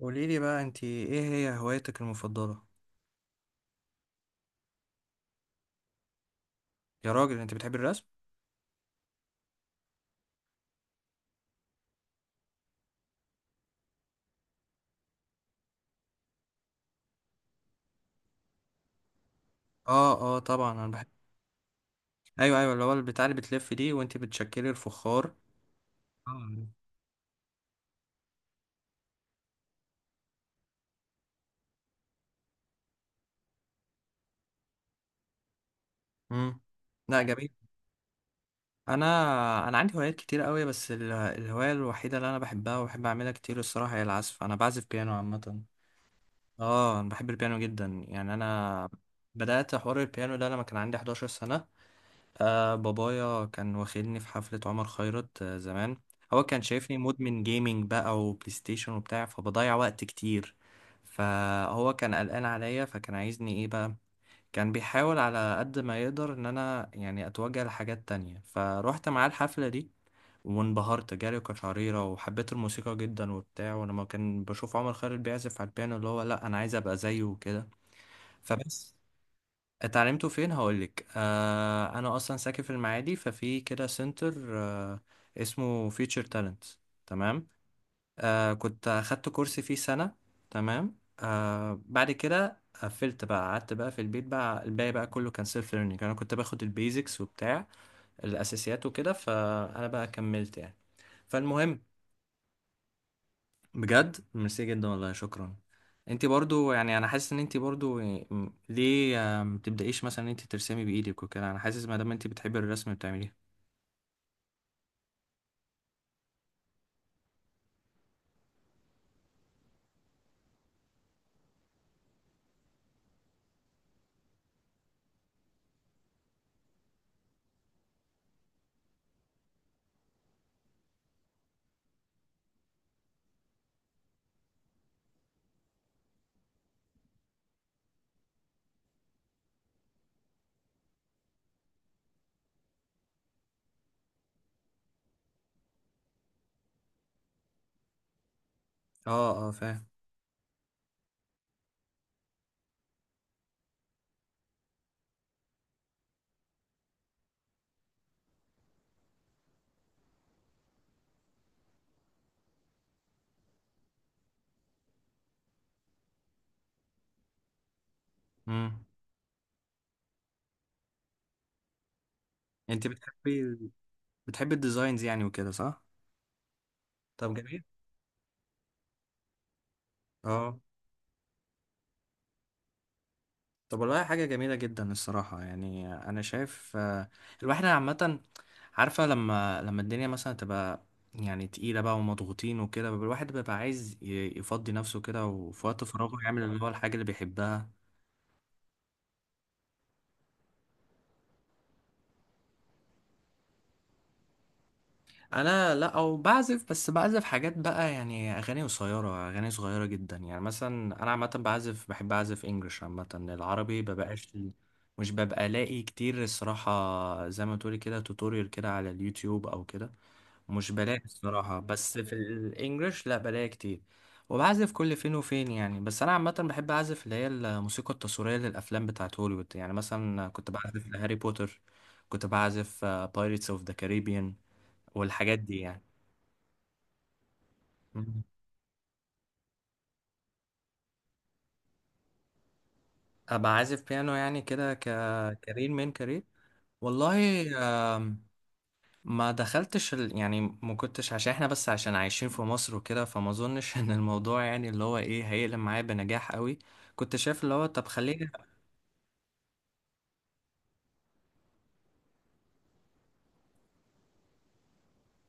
قولي لي بقى، انت ايه هي هوايتك المفضله؟ يا راجل، انت بتحبي الرسم؟ اه، اه، طبعا انا بحب. ايوه، ايوه، اللي هو البتاع اللي بتلف دي وانت بتشكلي الفخار. آه. امم. لا، جميل. انا انا عندي هوايات كتير قوي. بس الهوايه الوحيده اللي انا بحبها وبحب اعملها كتير الصراحه هي العزف. انا بعزف بيانو عامه. اه، انا بحب البيانو جدا. يعني انا بدات حوار البيانو ده لما كان عندي 11 سنه. آه، بابايا كان واخدني في حفلة عمر خيرت زمان. هو كان شايفني مدمن جيمنج بقى، وبلاي ستيشن وبتاع، فبضيع وقت كتير. فهو كان قلقان عليا، فكان عايزني ايه بقى. كان بيحاول على قد ما يقدر ان انا يعني اتوجه لحاجات تانية، فروحت معاه الحفلة دي. وانبهرت، جالي قشعريرة وحبيت الموسيقى جدا وبتاع، ولما كان بشوف عمر خيرت بيعزف على البيانو اللي هو، لا انا عايز ابقى زيه وكده. فبس. اتعلمته فين؟ هقولك. آه، انا اصلا ساكن في المعادي، ففي كده سنتر اسمه فيوتشر تالنت. تمام. آه، كنت اخدت كورس فيه سنة. تمام. آه، بعد كده قفلت بقى، قعدت بقى في البيت بقى. الباقي بقى كله كان سيلف ليرنينج. انا كنت باخد البيزكس وبتاع الاساسيات وكده، فانا بقى كملت يعني. فالمهم. بجد، ميرسي جدا والله، شكرا. انت برضو يعني، انا حاسس ان انت برضو ليه ما تبدايش مثلا ان انت ترسمي بايدك وكده؟ انا حاسس ما دام انت بتحبي الرسم بتعمليه. اه، اه، فاهم. امم. انت بتحبي الديزاينز يعني وكده، صح؟ طب، جميل. اه. طب والله، حاجه جميله جدا الصراحه. يعني انا شايف، الواحد عامه عارفه، لما الدنيا مثلا تبقى يعني تقيلة بقى ومضغوطين وكده، بيبقى الواحد بيبقى عايز يفضي نفسه كده، وفي وقت فراغه يعمل اللي هو الحاجة اللي بيحبها. انا لا، او بعزف، بس بعزف حاجات بقى، يعني اغاني قصيره، اغاني صغيره جدا. يعني مثلا انا عامه بعزف، بحب اعزف انجلش، عامه العربي ببقاش. مش ببقى الاقي كتير الصراحه، زي ما تقولي كده توتوريال كده على اليوتيوب او كده. مش بلاقي الصراحه. بس في الانجلش لا، بلاقي كتير. وبعزف كل فين وفين يعني. بس انا عامه بحب اعزف اللي هي الموسيقى التصويريه للافلام بتاعت هوليوود. يعني مثلا كنت بعزف لهاري بوتر. كنت بعزف بايرتس اوف ذا كاريبيان. والحاجات دي يعني. مم. ابقى عازف بيانو يعني، كده كارير من كارير. والله. آم، ما دخلتش يعني ما كنتش، عشان احنا بس عشان عايشين في مصر وكده، فما اظنش ان الموضوع يعني اللي هو ايه هيقلب معايا بنجاح قوي. كنت شايف اللي هو، طب خليني.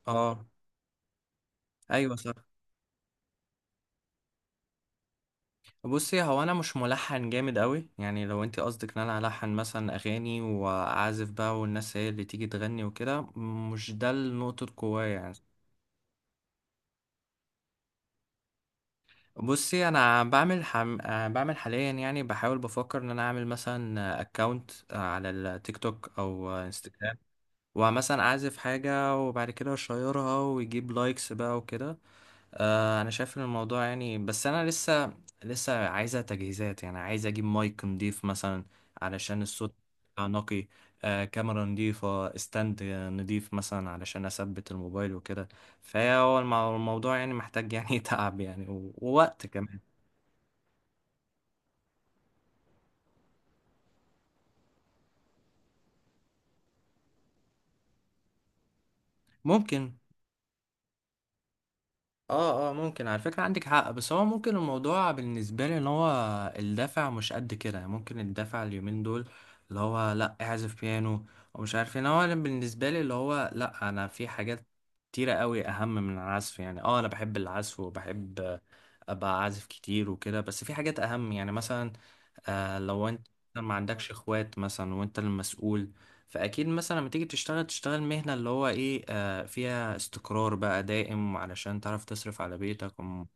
اه، ايوه، صح. بصي، هو انا مش ملحن جامد قوي. يعني لو انت قصدك ان انا الحن مثلا اغاني واعزف بقى، والناس هي اللي تيجي تغني وكده، مش ده نقطة قوايا يعني. بصي انا بعمل حم... آه، بعمل حاليا، يعني بحاول بفكر ان انا اعمل مثلا اكونت على التيك توك او انستجرام. ومثلا اعزف حاجة وبعد كده اشيرها ويجيب لايكس بقى وكده. انا شايف ان الموضوع يعني، بس انا لسه عايزة تجهيزات. يعني عايز اجيب مايك نضيف مثلا، علشان الصوت يبقى نقي. كاميرا نضيفة، استند نضيف مثلا علشان اثبت الموبايل وكده. فهو الموضوع يعني محتاج يعني تعب يعني ووقت كمان. ممكن. اه، اه، ممكن على فكرة، عندك حق. بس هو ممكن الموضوع بالنسبة لي ان هو الدفع مش قد كده. يعني ممكن الدفع اليومين دول اللي هو، لا اعزف بيانو ومش عارف ايه، إن هو انا بالنسبة لي اللي هو، لا انا في حاجات كتيرة قوي اهم من العزف. يعني اه، انا بحب العزف وبحب ابقى عازف كتير وكده، بس في حاجات اهم يعني مثلا. آه، لو انت ما عندكش اخوات مثلا وانت المسؤول، فاكيد مثلا لما تيجي تشتغل، تشتغل مهنة اللي هو ايه فيها استقرار بقى دائم، علشان تعرف تصرف على بيتك.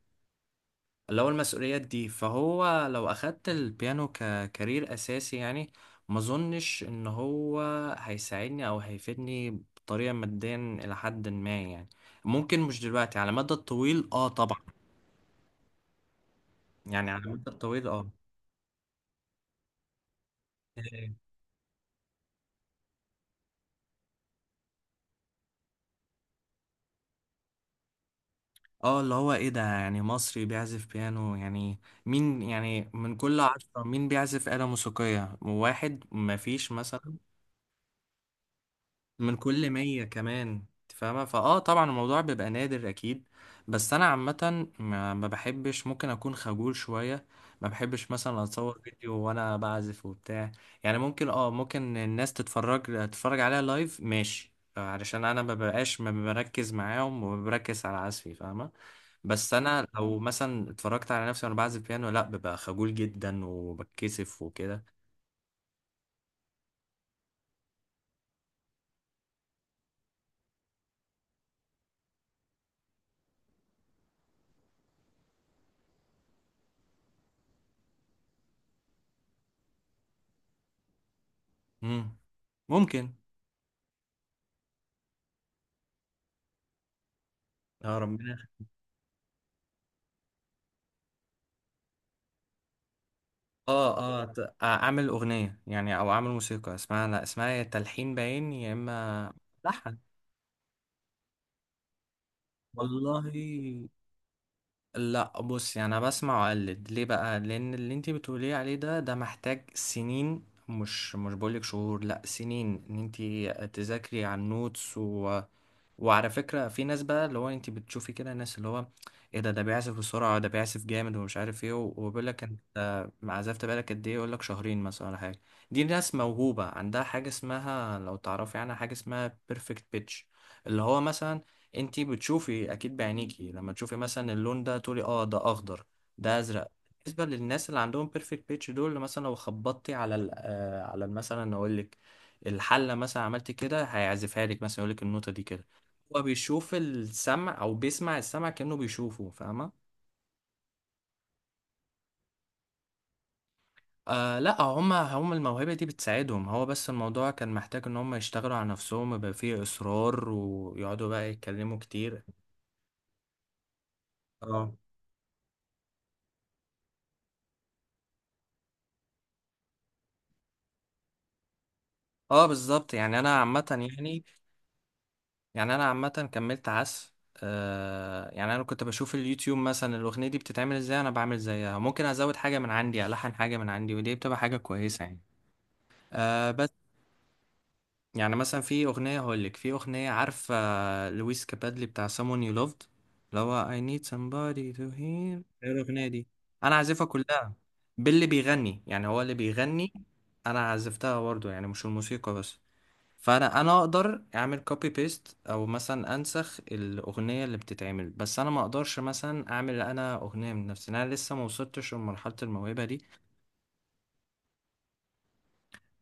اللي هو المسؤوليات دي. فهو لو أخدت البيانو ككارير أساسي، يعني ما اظنش ان هو هيساعدني او هيفيدني بطريقة ماديا، الى حد ما يعني. ممكن مش دلوقتي، على المدى الطويل اه طبعا. يعني على المدى الطويل اه. اه، اللي هو ايه ده؟ يعني مصري بيعزف بيانو، يعني مين؟ يعني من كل 10 مين بيعزف آلة موسيقية؟ واحد، مفيش مثلا. من كل 100 كمان. انت فاهمة طبعا، الموضوع بيبقى نادر اكيد. بس انا عامة، ما بحبش، ممكن اكون خجول شوية. ما بحبش مثلا اتصور فيديو وانا بعزف وبتاع. يعني ممكن اه، ممكن الناس تتفرج عليها لايف، ماشي، علشان انا ما ببقاش ما بركز معاهم وبركز على عزفي، فاهمة؟ بس انا لو مثلا اتفرجت على نفسي وانا بعزف بيانو، لا ببقى خجول جدا وبتكسف وكده. مم. ممكن. يا رب. اه، اه، اعمل اغنيه يعني، او اعمل موسيقى اسمها، لا اسمها يا تلحين باين يا اما لحن. والله. لا، بص يعني انا بسمع واقلد ليه بقى، لان اللي انت بتقوليه عليه ده محتاج سنين. مش بقولك شهور، لا سنين، ان انت تذاكري على النوتس. وعلى فكرة، في ناس بقى اللي هو، انت بتشوفي كده ناس اللي هو، ايه ده بيعزف بسرعة، ده بيعزف جامد ومش عارف ايه، وبيقول لك انت عزفت بالك قد ايه؟ يقول لك شهرين مثلا ولا حاجة. دي ناس موهوبة عندها حاجة اسمها، لو تعرفي عنها، حاجة اسمها بيرفكت بيتش. اللي هو مثلا، انت بتشوفي اكيد بعينيكي لما تشوفي مثلا اللون ده، تقولي اه ده اخضر، ده ازرق. بالنسبة للناس اللي عندهم بيرفكت بيتش دول، مثلا لو خبطتي على ال آه، على ال- مثلا اقول لك الحلة مثلا، عملت كده هيعزفها لك، مثلا يقول لك النوتة دي كده. هو بيشوف السمع، او بيسمع السمع كأنه بيشوفه، فاهمة؟ آه، لا هما هم الموهبة دي بتساعدهم، هو بس الموضوع كان محتاج ان هم يشتغلوا على نفسهم، يبقى فيه اصرار، ويقعدوا بقى يتكلموا كتير. اه، اه، بالظبط. يعني انا عامة. يعني يعني انا عامة كملت عزف. آه، يعني انا كنت بشوف اليوتيوب مثلا، الاغنية دي بتتعمل ازاي، انا بعمل زيها، ممكن ازود حاجة من عندي، الحن حاجة من عندي، ودي بتبقى حاجة كويسة يعني. آه، بس. يعني مثلا في أغنية هقول لك، في أغنية عارفة، لويس كابادلي بتاع Someone You Loved، اللي هو I need somebody to hear، إيه الأغنية دي؟ أنا عازفها كلها. باللي بيغني، يعني هو اللي بيغني. أنا عزفتها برضه، يعني مش الموسيقى بس. فأنا أقدر أعمل كوبي بيست، أو مثلا أنسخ الأغنية اللي بتتعمل. بس أنا ما أقدرش مثلا أعمل أنا أغنية من نفسي، أنا لسه ما وصلتش لمرحلة الموهبة دي.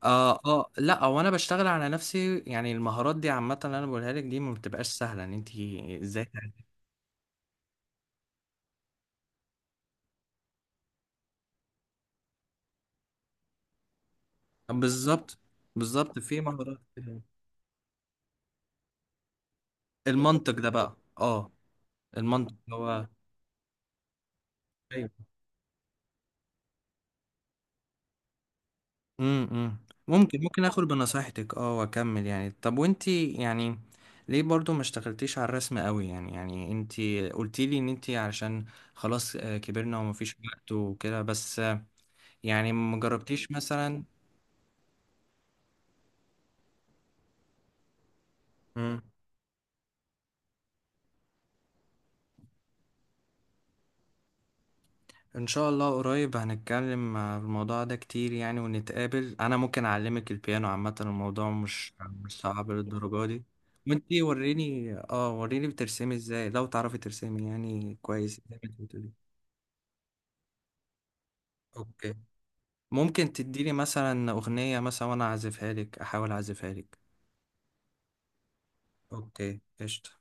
اه، اه، لا هو انا بشتغل على نفسي، يعني المهارات دي عامه اللي انا بقولها لك دي ما بتبقاش سهله، ان انت ازاي. بالظبط بالظبط. في مهارات كده. المنطق ده بقى، اه. المنطق هو. ايوه. امم. ممكن اخد بنصيحتك اه، واكمل يعني. طب وانت يعني، ليه برضو ما اشتغلتيش على الرسم قوي؟ يعني انت قلتي لي ان انت علشان خلاص كبرنا ومفيش وقت وكده، بس يعني ما جربتيش مثلا؟ إمم. ان شاء الله قريب هنتكلم في الموضوع ده كتير، يعني ونتقابل. انا ممكن اعلمك البيانو، عامة الموضوع مش صعب للدرجة دي. وانتي وريني بترسمي ازاي، لو تعرفي ترسمي يعني كويس زي ما انت بتقولي. اوكي. ممكن تديني مثلا اغنية مثلا، وانا اعزفها لك، احاول اعزفها لك. اوكي، قشطة.